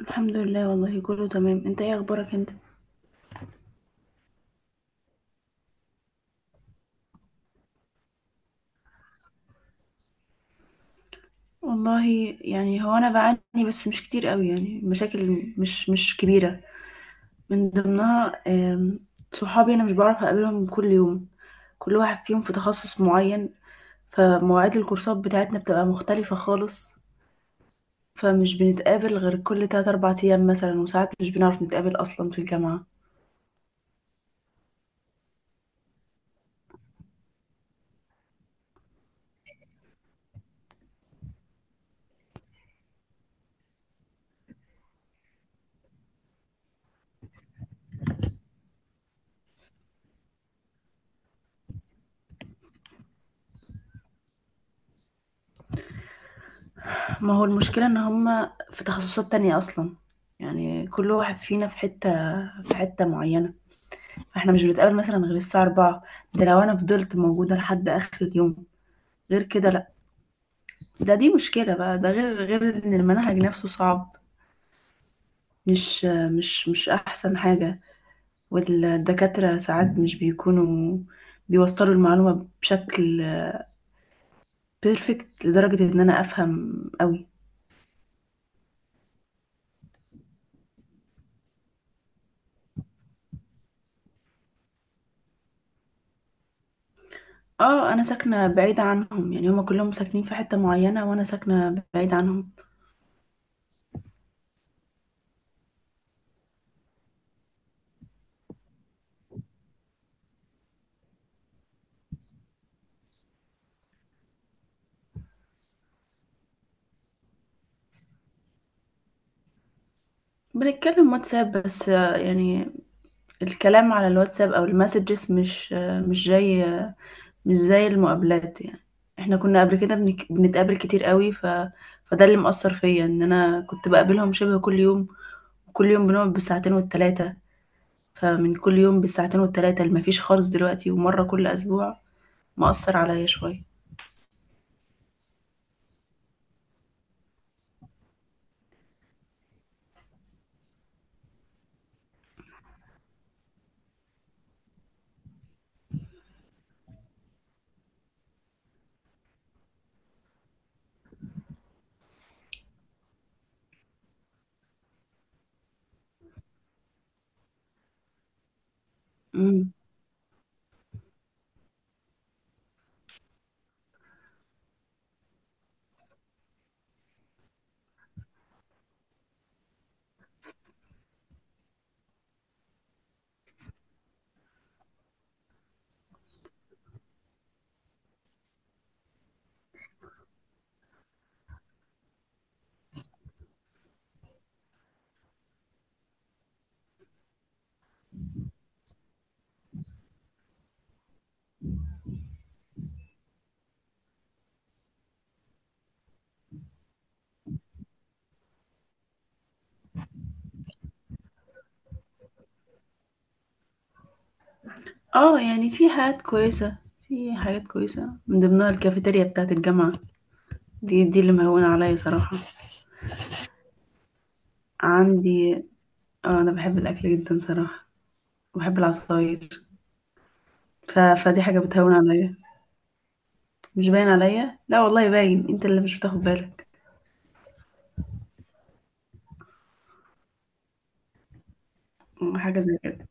الحمد لله والله كله تمام، انت ايه اخبارك انت؟ والله، يعني هو انا بعاني بس مش كتير قوي. يعني مشاكل مش كبيره. من ضمنها آم، صحابي انا مش بعرف اقابلهم كل يوم. كل واحد فيهم في تخصص معين. فمواعيد الكورسات بتاعتنا بتبقى مختلفه خالص. فمش بنتقابل غير كل 3 4 ايام مثلا، وساعات مش بنعرف نتقابل اصلا في الجامعه. ما هو المشكله ان هما في تخصصات تانية اصلا. يعني كل واحد فينا في حته في حته معينه. احنا مش بنتقابل مثلا غير الساعة 4. ده لو انا فضلت موجودة لحد اخر اليوم، غير كده لا. ده، دي مشكلة بقى، ده غير ان المنهج نفسه صعب. مش مش احسن حاجة. والدكاترة ساعات مش بيكونوا بيوصلوا المعلومة بشكل بيرفكت لدرجة ان انا افهم قوي. اه، انا ساكنة بعيدة عنهم. يعني هما كلهم ساكنين في حتة معينة وانا ساكنة بعيدة عنهم. بنتكلم واتساب بس، يعني الكلام على الواتساب او المسجز مش جاي، مش زي المقابلات يعني. احنا كنا قبل كده بنتقابل كتير قوي، فده اللي مأثر فيا ان انا كنت بقابلهم شبه كل يوم. كل يوم بنقعد بالساعتين والتلاتة. فمن كل يوم بالساعتين والتلاتة اللي مفيش خالص دلوقتي ومرة كل اسبوع، مأثر عليا شوية. امم. اه، يعني في حاجات كويسة. في حاجات كويسة من ضمنها الكافيتيريا بتاعة الجامعة. دي اللي مهونة عليا صراحة. عندي، اه انا بحب الاكل جدا صراحة، وبحب العصاير. فدي حاجة بتهون عليا. مش باين عليا؟ لا والله، باين، انت اللي مش بتاخد بالك. حاجه زي كده.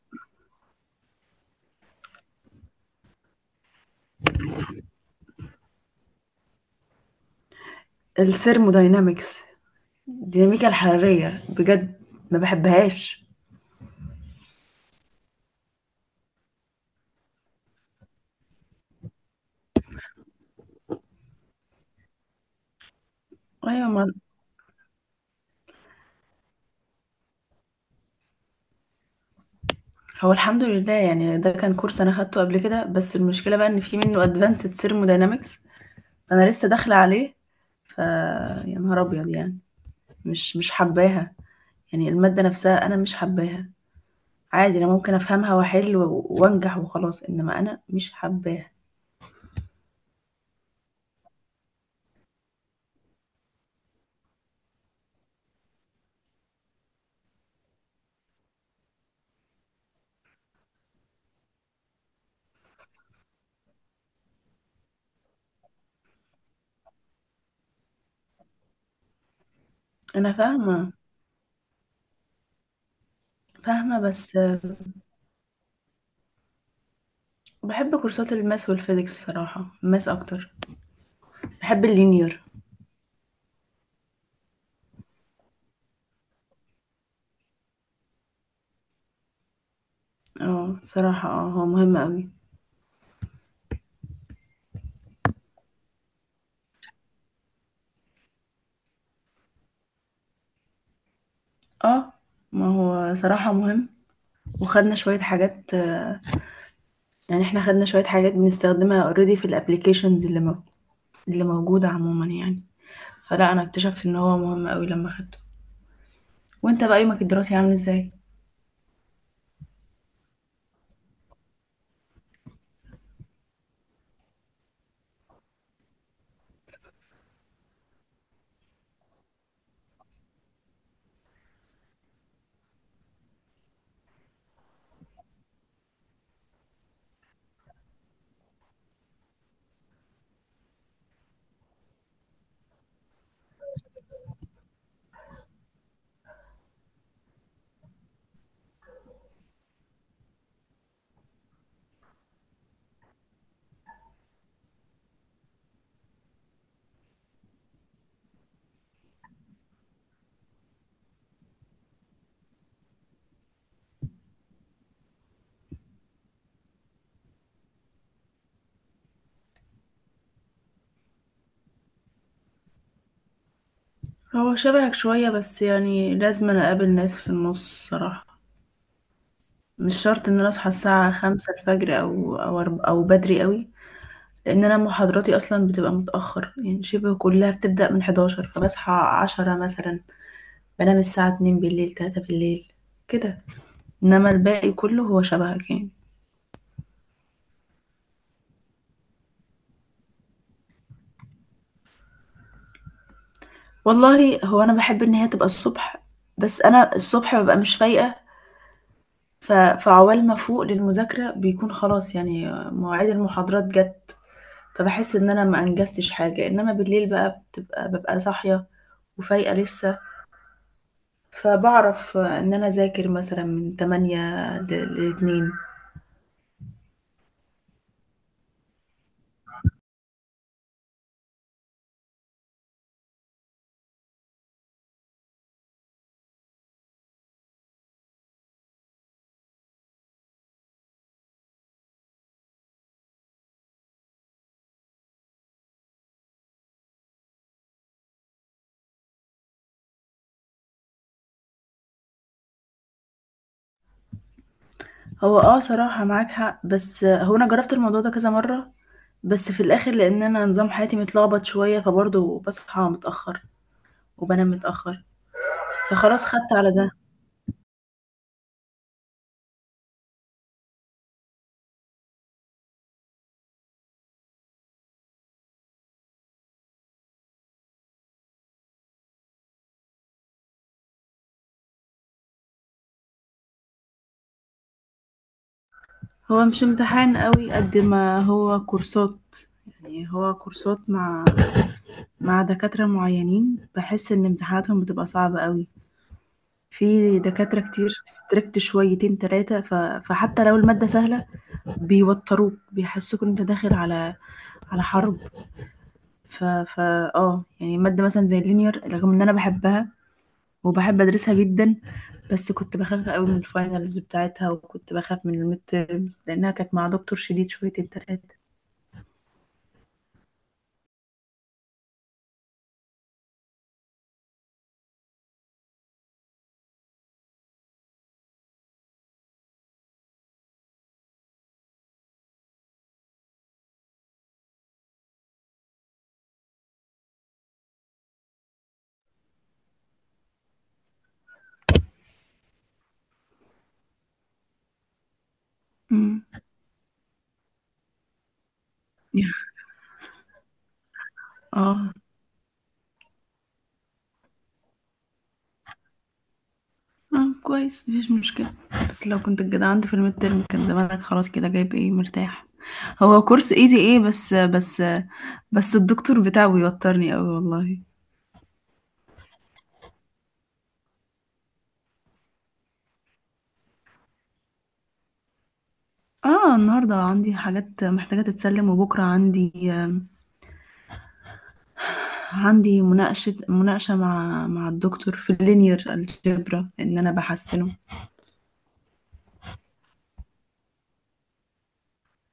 الثيرموداينامكس، الديناميكا الحراريه بجد ما بحبهاش. ايوه، ما هو الحمد لله يعني ده كان كورس انا خدته قبل كده، بس المشكله بقى ان في منه ادفانسد ثيرموداينامكس. فانا لسه داخله عليه. ف يا نهار ابيض يعني. مش حباها. يعني الماده نفسها انا مش حباها. عادي، انا ممكن افهمها واحل وانجح وخلاص، انما انا مش حباها. انا فاهمه، فاهمه بس. بحب كورسات الماس والفيزيكس صراحة، الماس أكتر. بحب اللينير. اه صراحة، اه هو مهم أوي. اه، ما هو صراحة مهم. وخدنا شوية حاجات. يعني احنا خدنا شوية حاجات بنستخدمها اوريدي في الابليكيشنز اللي موجودة عموما يعني. فلا، أنا اكتشفت إن هو مهم أوي لما خدته. وانت بقى يومك الدراسي عامل ازاي؟ هو شبهك شوية، بس يعني لازم أنا أقابل ناس في النص صراحة. مش شرط إن أنا أصحى الساعة خمسة الفجر أو بدري أوي، لان انا محاضراتي اصلا بتبقى متاخر. يعني شبه كلها بتبدا من 11، فبصحى 10 مثلا، بنام الساعه 2 بالليل، 3 بالليل كده. انما الباقي كله هو شبهك يعني. والله، هو انا بحب ان هي تبقى الصبح، بس انا الصبح ببقى مش فايقه. فعوال ما فوق للمذاكره بيكون خلاص، يعني مواعيد المحاضرات جت، فبحس ان انا ما انجزتش حاجه. انما بالليل بقى، ببقى صاحيه وفايقه لسه، فبعرف ان انا اذاكر مثلا من 8 لاتنين. هو اه صراحة معاك حق، بس هو انا جربت الموضوع ده كذا مرة، بس في الاخر لان انا نظام حياتي متلخبط شوية فبرضه بصحى متأخر وبنام متأخر. فخلاص خدت على ده. هو مش امتحان قوي قد ما هو كورسات. يعني هو كورسات مع دكاترة معينين، بحس ان امتحاناتهم بتبقى صعبة قوي. في دكاترة كتير ستريكت شويتين تلاتة، فحتى لو المادة سهلة، بيوتروك بيحسوك ان انت داخل على حرب. ف ف اه يعني مادة مثلا زي اللينير، رغم ان انا بحبها وبحب ادرسها جدا، بس كنت بخاف قوي من الفاينلز بتاعتها، وكنت بخاف من الميد تيرمز لانها كانت مع دكتور شديد شوية التلاتة. امم. اه اه كويس، مفيش مشكلة. بس لو كنت الجدع عندي في الميد ترم كان زمانك خلاص كده جايب ايه مرتاح. هو كورس ايزي ايه، بس الدكتور بتاعه بيوترني قوي والله. اه، النهارده عندي حاجات محتاجة تتسلم، وبكرة عندي مناقشة مع الدكتور في اللينير الجبرا ان انا بحسنه.